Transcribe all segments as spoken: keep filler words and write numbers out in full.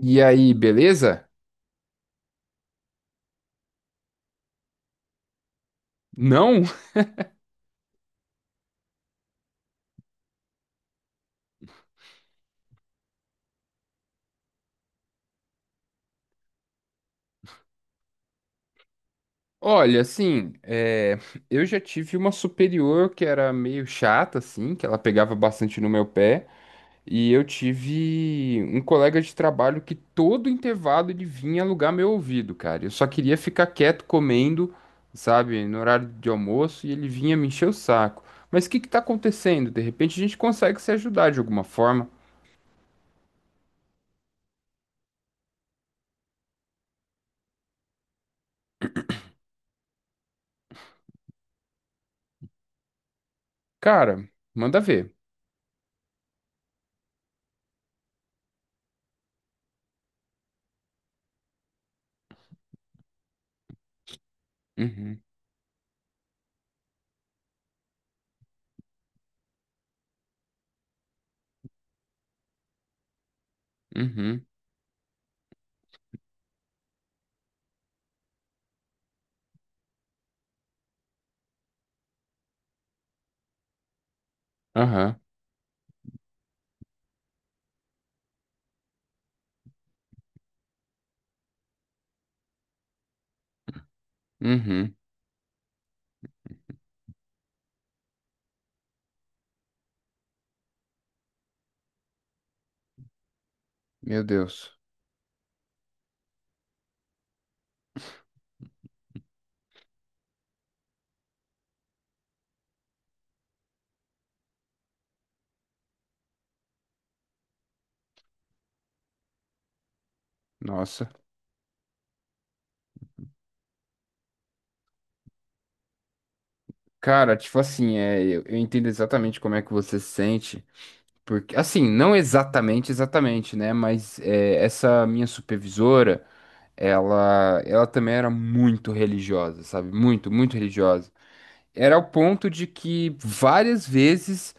E aí, beleza? Não? Olha, assim, é, eu já tive uma superior que era meio chata, assim, que ela pegava bastante no meu pé. E eu tive um colega de trabalho que todo intervalo ele vinha alugar meu ouvido, cara. Eu só queria ficar quieto comendo, sabe, no horário de almoço, e ele vinha me encher o saco. Mas o que que tá acontecendo? De repente a gente consegue se ajudar de alguma forma. Cara, manda ver. Uhum, uhum, aham, uhum, meu Deus. Nossa. Cara, tipo assim, é, eu, eu entendo exatamente como é que você se sente, porque, assim, não exatamente, exatamente, né? Mas é, essa minha supervisora, ela, ela também era muito religiosa, sabe? Muito, muito religiosa. Era o ponto de que várias vezes,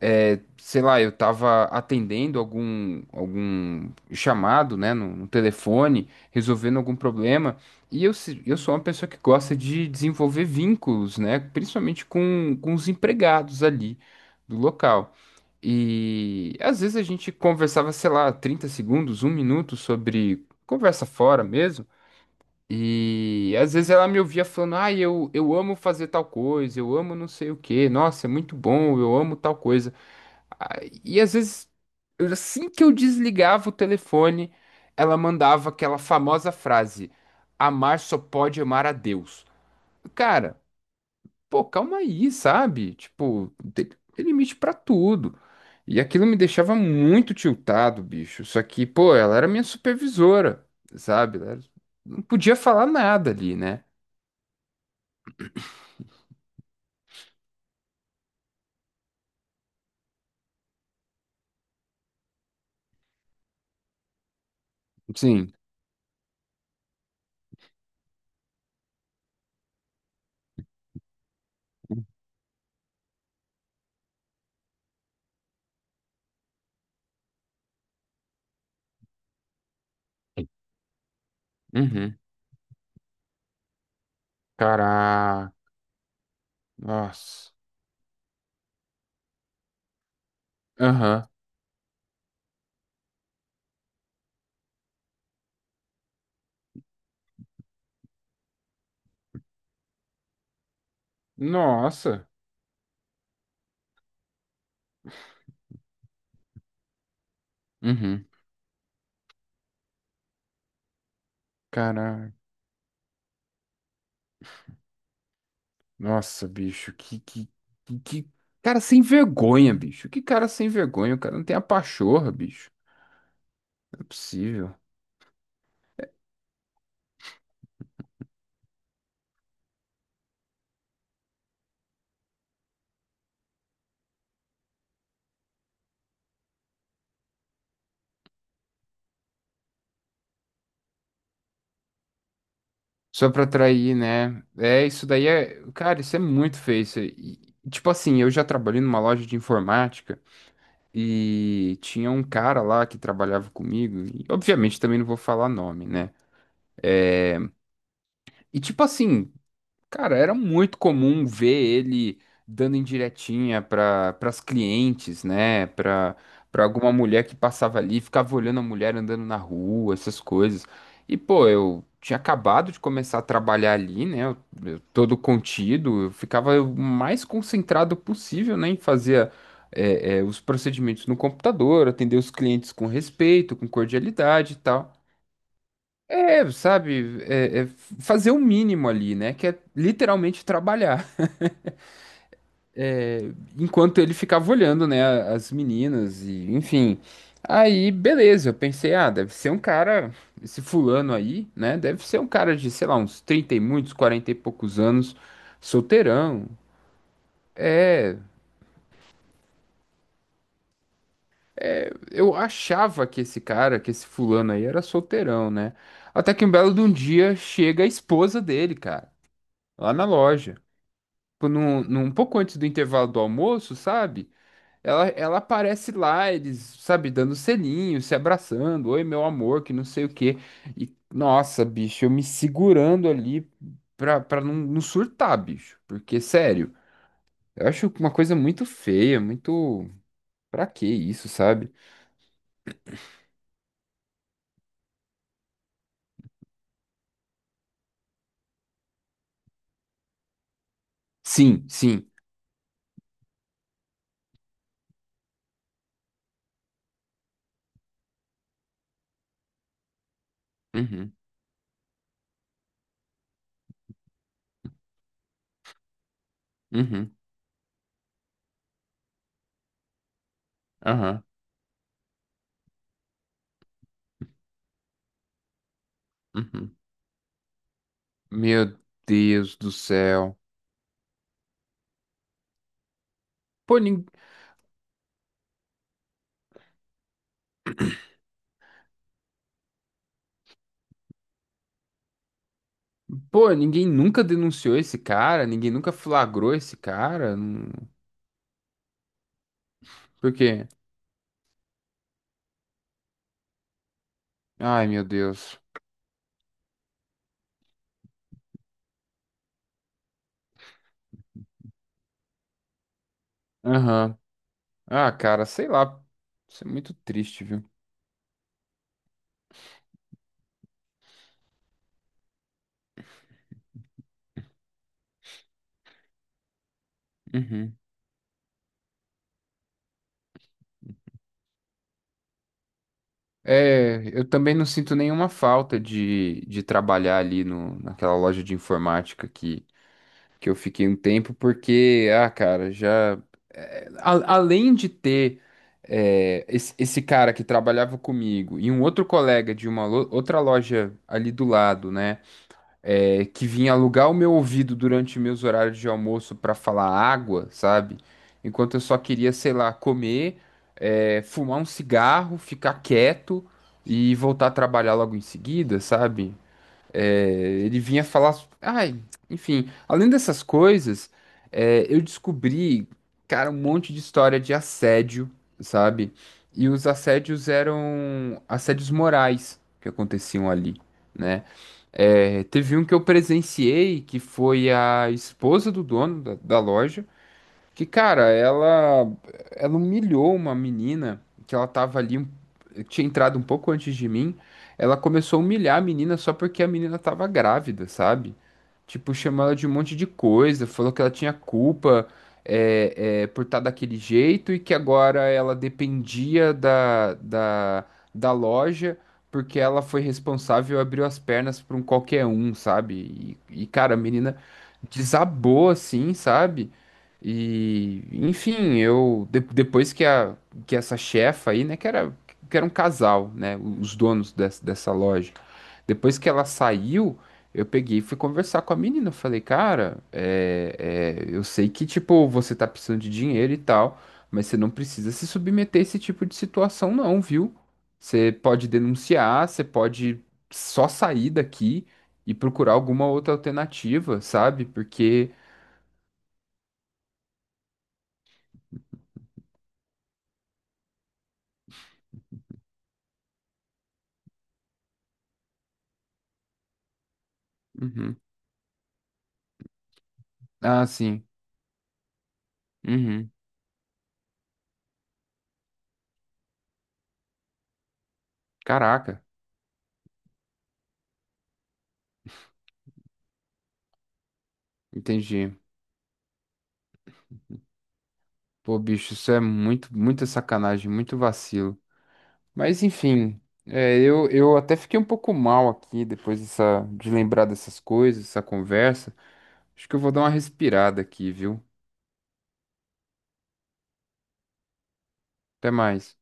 é, sei lá, eu tava atendendo algum, algum chamado, né, no, no telefone, resolvendo algum problema, e eu, se- eu sou uma pessoa que gosta de desenvolver vínculos, né, principalmente com, com os empregados ali do local. E às vezes a gente conversava, sei lá, trinta segundos, um minuto sobre conversa fora mesmo. E às vezes ela me ouvia falando, ah, eu, eu amo fazer tal coisa, eu amo não sei o quê, nossa, é muito bom, eu amo tal coisa. Ah, E às vezes, eu- assim que eu desligava o telefone, ela mandava aquela famosa frase: amar só pode amar a Deus. Cara, pô, calma aí, sabe? Tipo, tem, tem limite pra tudo. E aquilo me deixava muito tiltado, bicho. Só que, pô, ela era minha supervisora, sabe? Ela era- não podia falar nada ali, né? Sim. Uhum. Caraca. Nossa. Aham. Nossa. Uhum. Caraca. Nossa, bicho. Que, que, que, que cara sem vergonha, bicho. Que cara sem vergonha. O cara não tem a pachorra, bicho. Não é possível. Só pra atrair, né? É, isso daí é. Cara, isso é muito feio. Isso aí. E, Tipo assim, eu já trabalhei numa loja de informática e tinha um cara lá que trabalhava comigo. E, obviamente, também não vou falar nome, né? E tipo assim. Cara, era muito comum ver ele dando indiretinha para as clientes, né? Para para alguma mulher que passava ali, ficava olhando a mulher andando na rua, essas coisas. E, pô, eu tinha acabado de começar a trabalhar ali, né? Eu- eu todo contido, eu ficava o mais concentrado possível, né? Em fazer é, é, os procedimentos no computador, atender os clientes com respeito, com cordialidade e tal. É, sabe, é- é fazer o mínimo ali, né? Que é literalmente trabalhar. Enquanto ele ficava olhando, né, as meninas e, enfim. Aí, beleza, eu pensei, ah, deve ser um cara, esse fulano aí, né? Deve ser um cara de, sei lá, uns trinta e muitos, quarenta e poucos anos, solteirão. É, eu achava que esse cara, que esse fulano aí era solteirão, né? Até que um belo de um dia chega a esposa dele, cara, lá na loja. Tipo, num, num um pouco antes do intervalo do almoço, sabe? Ela, ela aparece lá, eles, sabe, dando selinho, se abraçando, oi, meu amor, que não sei o quê. E, nossa, bicho, eu me segurando ali pra, pra não, não surtar, bicho. Porque, sério, eu acho uma coisa muito feia, muito. Pra que isso, sabe? Sim, sim. Uhum, uhum, aham, uhum. Meu Deus do céu. Pô, nin- Pô, ninguém nunca denunciou esse cara, ninguém nunca flagrou esse cara. não- Por quê? Ai, meu Deus. Aham. Ah, cara, sei lá. Isso é muito triste, viu? Uhum. É, eu também não sinto nenhuma falta de, de trabalhar ali no, naquela loja de informática que, que eu fiquei um tempo, porque, ah, cara, já. É, a- além de ter é, esse, esse cara que trabalhava comigo e um outro colega de uma lo- outra loja ali do lado, né? É, que vinha alugar o meu ouvido durante meus horários de almoço para falar água, sabe? Enquanto eu só queria, sei lá, comer, é, fumar um cigarro, ficar quieto e voltar a trabalhar logo em seguida, sabe? É, ele vinha falar. So-, Ai, enfim, além dessas coisas, é, eu descobri, cara, um monte de história de assédio, sabe? E os assédios eram assédios morais que aconteciam ali, né? É, teve um que eu presenciei que foi a esposa do dono da da loja. Que, cara, ela, ela humilhou uma menina que ela tava ali, um- tinha entrado um pouco antes de mim. Ela começou a humilhar a menina só porque a menina tava grávida, sabe? Tipo, chamou ela de um monte de coisa, falou que ela tinha culpa é, é, por estar daquele jeito e que agora ela dependia da, da, da loja porque ela foi responsável e abriu as pernas pra um qualquer um, sabe? E, e, cara, a menina desabou assim, sabe? E, enfim, eu de- depois que a que essa chefa aí, né, que era que era um casal, né, os donos dessa, dessa loja. Depois que ela saiu, eu peguei e fui conversar com a menina. Eu falei, cara, é, é, eu sei que, tipo, você tá precisando de dinheiro e tal, mas você não precisa se submeter a esse tipo de situação, não, viu? Você pode denunciar, você pode só sair daqui e procurar alguma outra alternativa, sabe? Porque. Uhum. Ah, sim. Uhum. Caraca, entendi. Pô, bicho, isso é muito, muita sacanagem, muito vacilo. Mas enfim, é, eu, eu até fiquei um pouco mal aqui depois dessa, de lembrar dessas coisas, essa conversa. Acho que eu vou dar uma respirada aqui, viu? Até mais.